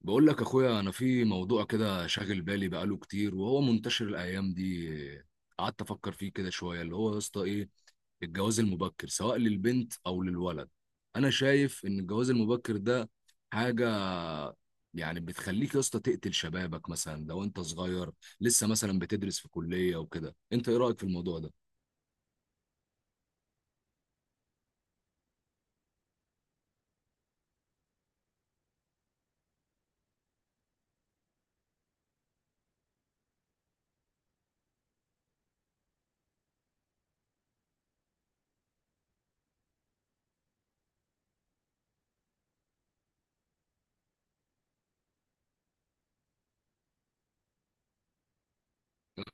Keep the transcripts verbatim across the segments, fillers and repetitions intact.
بقول لك اخويا، انا في موضوع كده شاغل بالي بقاله كتير، وهو منتشر الايام دي. قعدت افكر فيه كده شويه، اللي هو يا اسطى ايه؟ الجواز المبكر سواء للبنت او للولد. انا شايف ان الجواز المبكر ده حاجه، يعني بتخليك يا اسطى تقتل شبابك، مثلا لو انت صغير لسه مثلا بتدرس في كليه وكده. انت ايه رايك في الموضوع ده؟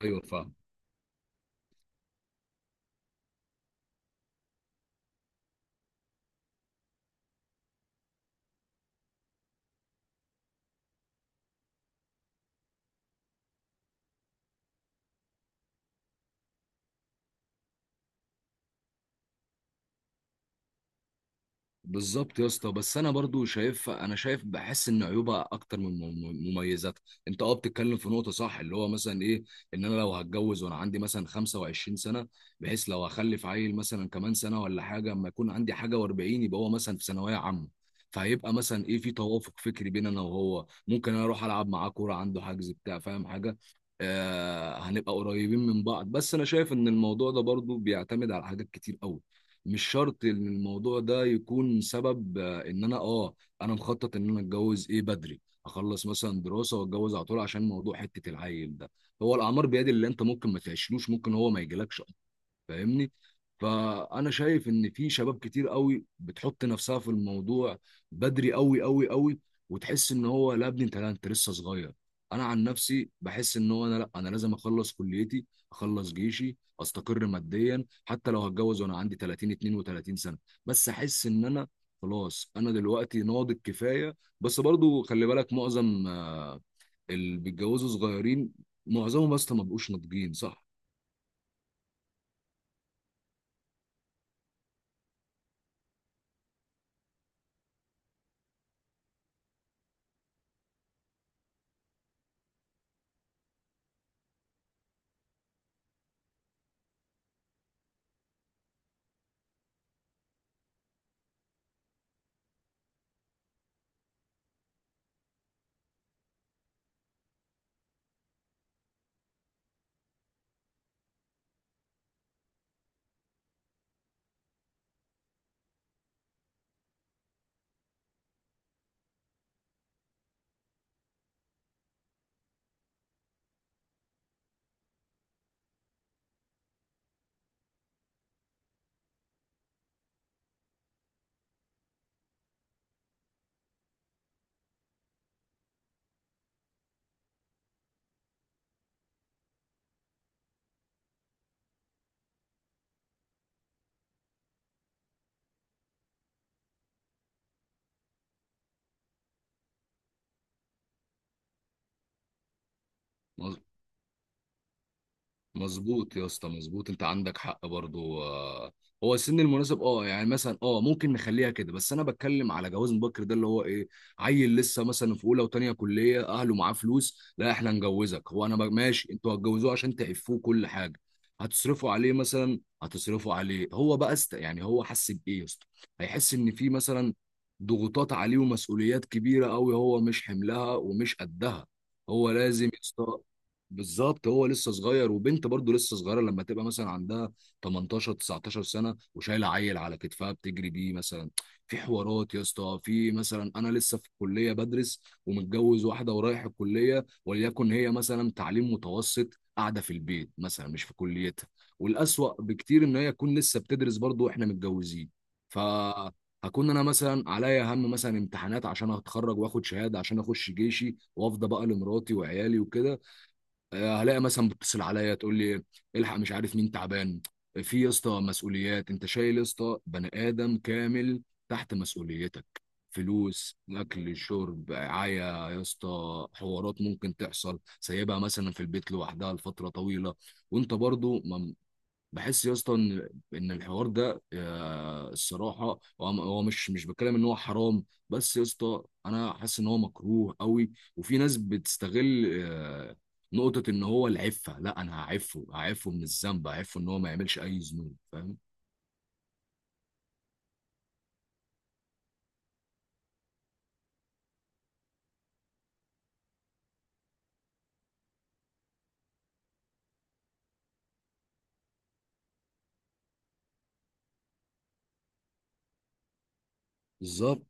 ايوه، فاهم. بالظبط يا اسطى، بس انا برضو شايف، انا شايف بحس ان عيوبها اكتر من مم- مميزاتها. انت اه بتتكلم في نقطه صح، اللي هو مثلا ايه؟ ان انا لو هتجوز وانا عندي مثلا خمسة وعشرين سنه، بحيث لو هخلف عيل مثلا كمان سنه ولا حاجه، اما يكون عندي حاجه و40، يبقى هو مثلا في ثانويه عامه. فهيبقى مثلا ايه في توافق فكري بين انا وهو، ممكن انا اروح العب معاه كوره عنده حجز بتاع، فاهم حاجه. آه، هنبقى قريبين من بعض. بس انا شايف ان الموضوع ده برضو بيعتمد على حاجات كتير قوي. مش شرط ان الموضوع ده يكون سبب آه، ان انا اه انا مخطط ان انا اتجوز ايه بدري، اخلص مثلا دراسه واتجوز على طول عشان موضوع حته العيل ده. هو الاعمار بيد اللي، انت ممكن ما تعيشلوش، ممكن هو ما يجيلكش. فاهمني؟ فانا شايف ان في شباب كتير قوي بتحط نفسها في الموضوع بدري قوي قوي قوي. وتحس ان هو، لا يا ابني انت، لا انت لسه صغير. انا عن نفسي بحس ان هو، انا لا، انا لازم اخلص كليتي، اخلص جيشي، استقر ماديا، حتى لو هتجوز وانا عندي تلاتين اتنين وتلاتين سنه. بس احس ان انا، خلاص انا دلوقتي ناضج كفايه. بس برضو خلي بالك معظم آه، اللي بيتجوزوا صغيرين، معظمهم اصلا ما بقوش ناضجين، صح. مظبوط يا اسطى، مظبوط انت عندك حق برضو آه، هو السن المناسب، اه يعني مثلا اه ممكن نخليها كده. بس انا بتكلم على جواز مبكر ده، اللي هو ايه؟ عيل لسه مثلا في اولى وتانية كليه، اهله معاه فلوس، لا احنا نجوزك. هو انا بق- ماشي، انتوا هتجوزوه عشان تعفوه كل حاجه، هتصرفوا عليه، مثلا هتصرفوا عليه. هو بقى است... يعني هو حس بايه يا اسطى؟ هيحس ان في مثلا ضغوطات عليه ومسؤوليات كبيره قوي، هو مش حملها ومش قدها. هو لازم يا اسطى. بالظبط، هو لسه صغير، وبنت برضه لسه صغيره، لما تبقى مثلا عندها تمنتاشر تسعتاشر سنه وشايله عيل على كتفها بتجري بيه مثلا. في حوارات يا اسطى، في مثلا انا لسه في الكليه بدرس ومتجوز واحده، ورايح الكليه، وليكن هي مثلا تعليم متوسط قاعده في البيت، مثلا مش في كليتها. والاسوأ بكتير ان هي تكون لسه بتدرس برضه واحنا متجوزين. ف هكون انا مثلا عليا هم، مثلا امتحانات عشان اتخرج واخد شهاده عشان اخش جيشي، وافضى بقى لمراتي وعيالي وكده. آه، هلاقي مثلا بتتصل عليا تقول لي الحق، مش عارف مين تعبان. في يا اسطى مسؤوليات، انت شايل يا اسطى بني ادم كامل تحت مسؤوليتك، فلوس، اكل، شرب، رعايه. يا اسطى حوارات ممكن تحصل، سايبها مثلا في البيت لوحدها لفتره طويله. وانت برضو بحس يا اسطى ان، ان الحوار ده آه، الصراحه. هو هو مش مش بتكلم ان هو حرام، بس يا اسطى انا حاسس ان هو مكروه قوي. وفي ناس بتستغل آه، نقطه ان هو العفه، لا انا هعفه، هعفه من الذنب، هعفه ان هو ما يعملش اي ذنوب، فاهم. بالظبط.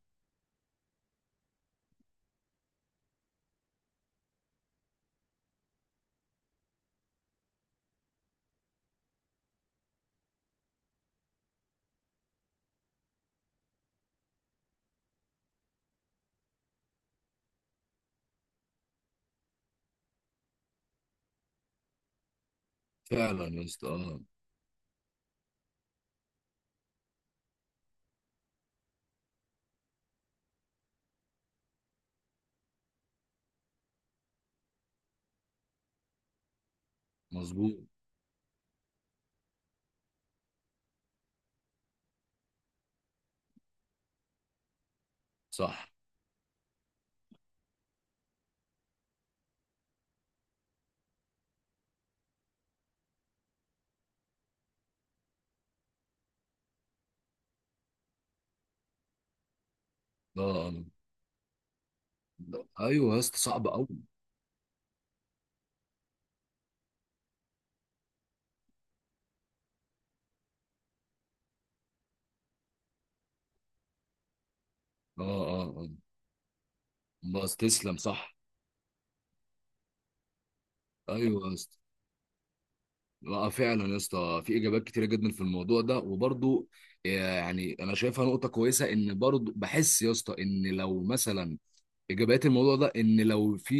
فعلا يا اسطى، اه، مظبوط، صح، اه، آه. ايوه يا اسطى صعب قوي. اه، اه، اه. بس تسلم، صح. ايوه يا اسطى. لا فعلا يا اسطى في اجابات كتيره جدا في الموضوع ده، وبرضو آه، يعني انا شايفها نقطه كويسه، ان برضو بحس يا اسطى ان لو مثلا ايجابيات الموضوع ده، ان لو في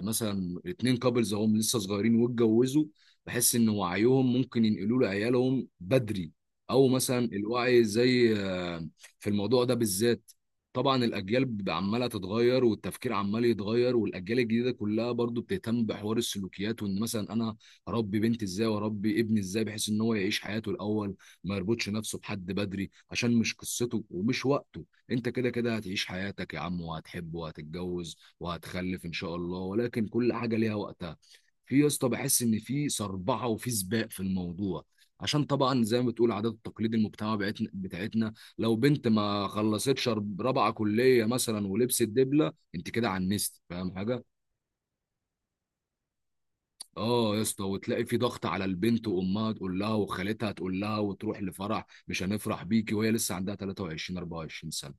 مثلا اتنين كابلز هم لسه صغيرين واتجوزوا، بحس ان وعيهم ممكن ينقلوه لعيالهم بدري، او مثلا الوعي زي آه، في الموضوع ده بالذات. طبعا الاجيال ب- عماله تتغير، والتفكير عمال يتغير، والاجيال الجديده كلها برضو بتهتم بحوار السلوكيات. وان مثلا انا اربي بنتي ازاي، واربي ابني ازاي، بحيث ان هو يعيش حياته الاول، ما يربطش نفسه بحد بدري، عشان مش قصته ومش وقته. انت كده كده هتعيش حياتك يا عم، وهتحب، وهتتجوز، وهتخلف ان شاء الله، ولكن كل حاجه ليها وقتها. في يا اسطى بحس ان في صربعه، وفي سباق في الموضوع. عشان طبعا زي ما بتقول عادات التقليد، المجتمع بتاعتنا بتاعتنا، لو بنت ما خلصتش رب- رابعه كليه مثلا ولبست دبله، انت كده عنست، فاهم حاجه. اه يا اسطى، وتلاقي في ضغط على البنت، وامها تقول لها، وخالتها تقول لها، وتروح لفرح مش هنفرح بيكي وهي لسه عندها تلاتة وعشرين اربعة وعشرين سنه.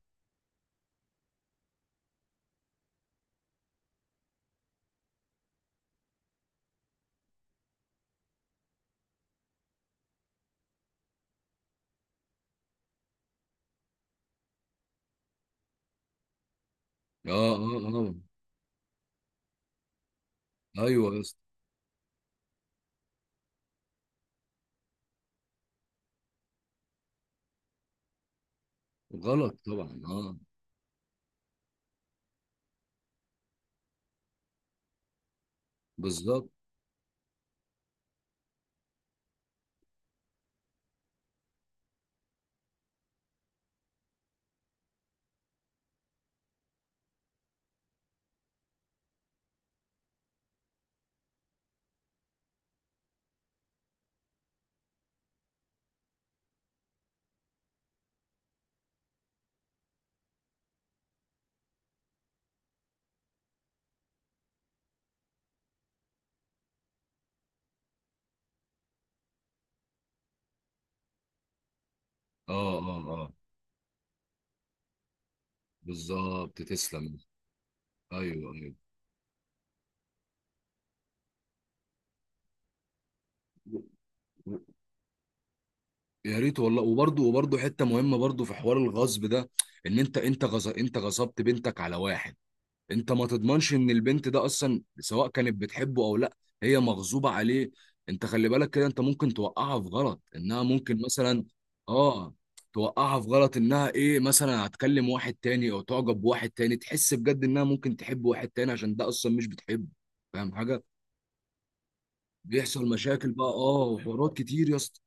اه، اه، اه. ايوه يا اسطى. غلط طبعا، اه. بالظبط. اه، اه، اه. بالظبط، تسلم. ايوه، ايوه. و- يا ريت والله. وبرضه وبرضه حته مهمه برضه في حوار الغصب ده. ان انت انت غص... انت غصبت بنتك على واحد. انت ما تضمنش ان البنت ده اصلا سواء كانت بتحبه او لا، هي مغصوبة عليه. انت خلي بالك كده، انت ممكن توقعها في غلط، انها ممكن مثلا، اه توقعها في غلط انها ايه، مثلا هتكلم واحد تاني، او تعجب بواحد تاني، تحس بجد انها ممكن تحب واحد تاني عشان ده اصلا مش بتحبه. فاهم حاجة. بيحصل مشاكل بقى، اه، وحوارات كتير يا اسطى.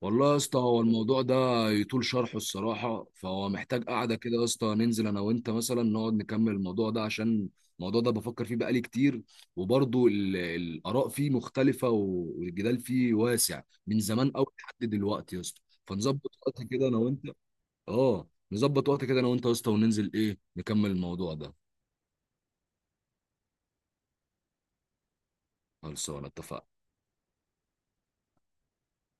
والله يا اسطى هو الموضوع ده يطول شرحه الصراحة، فهو محتاج قعدة كده يا اسطى ننزل أنا وأنت، مثلا نقعد نكمل الموضوع ده عشان الموضوع ده بفكر فيه بقالي كتير، وبرضه ال- الآراء فيه مختلفة، و- والجدال فيه واسع من زمان أوي لحد دلوقتي يا اسطى. فنظبط وقت كده أنا وأنت. أه نظبط وقت كده أنا وأنت يا اسطى، وننزل إيه نكمل الموضوع ده. خلصانة، اتفقنا.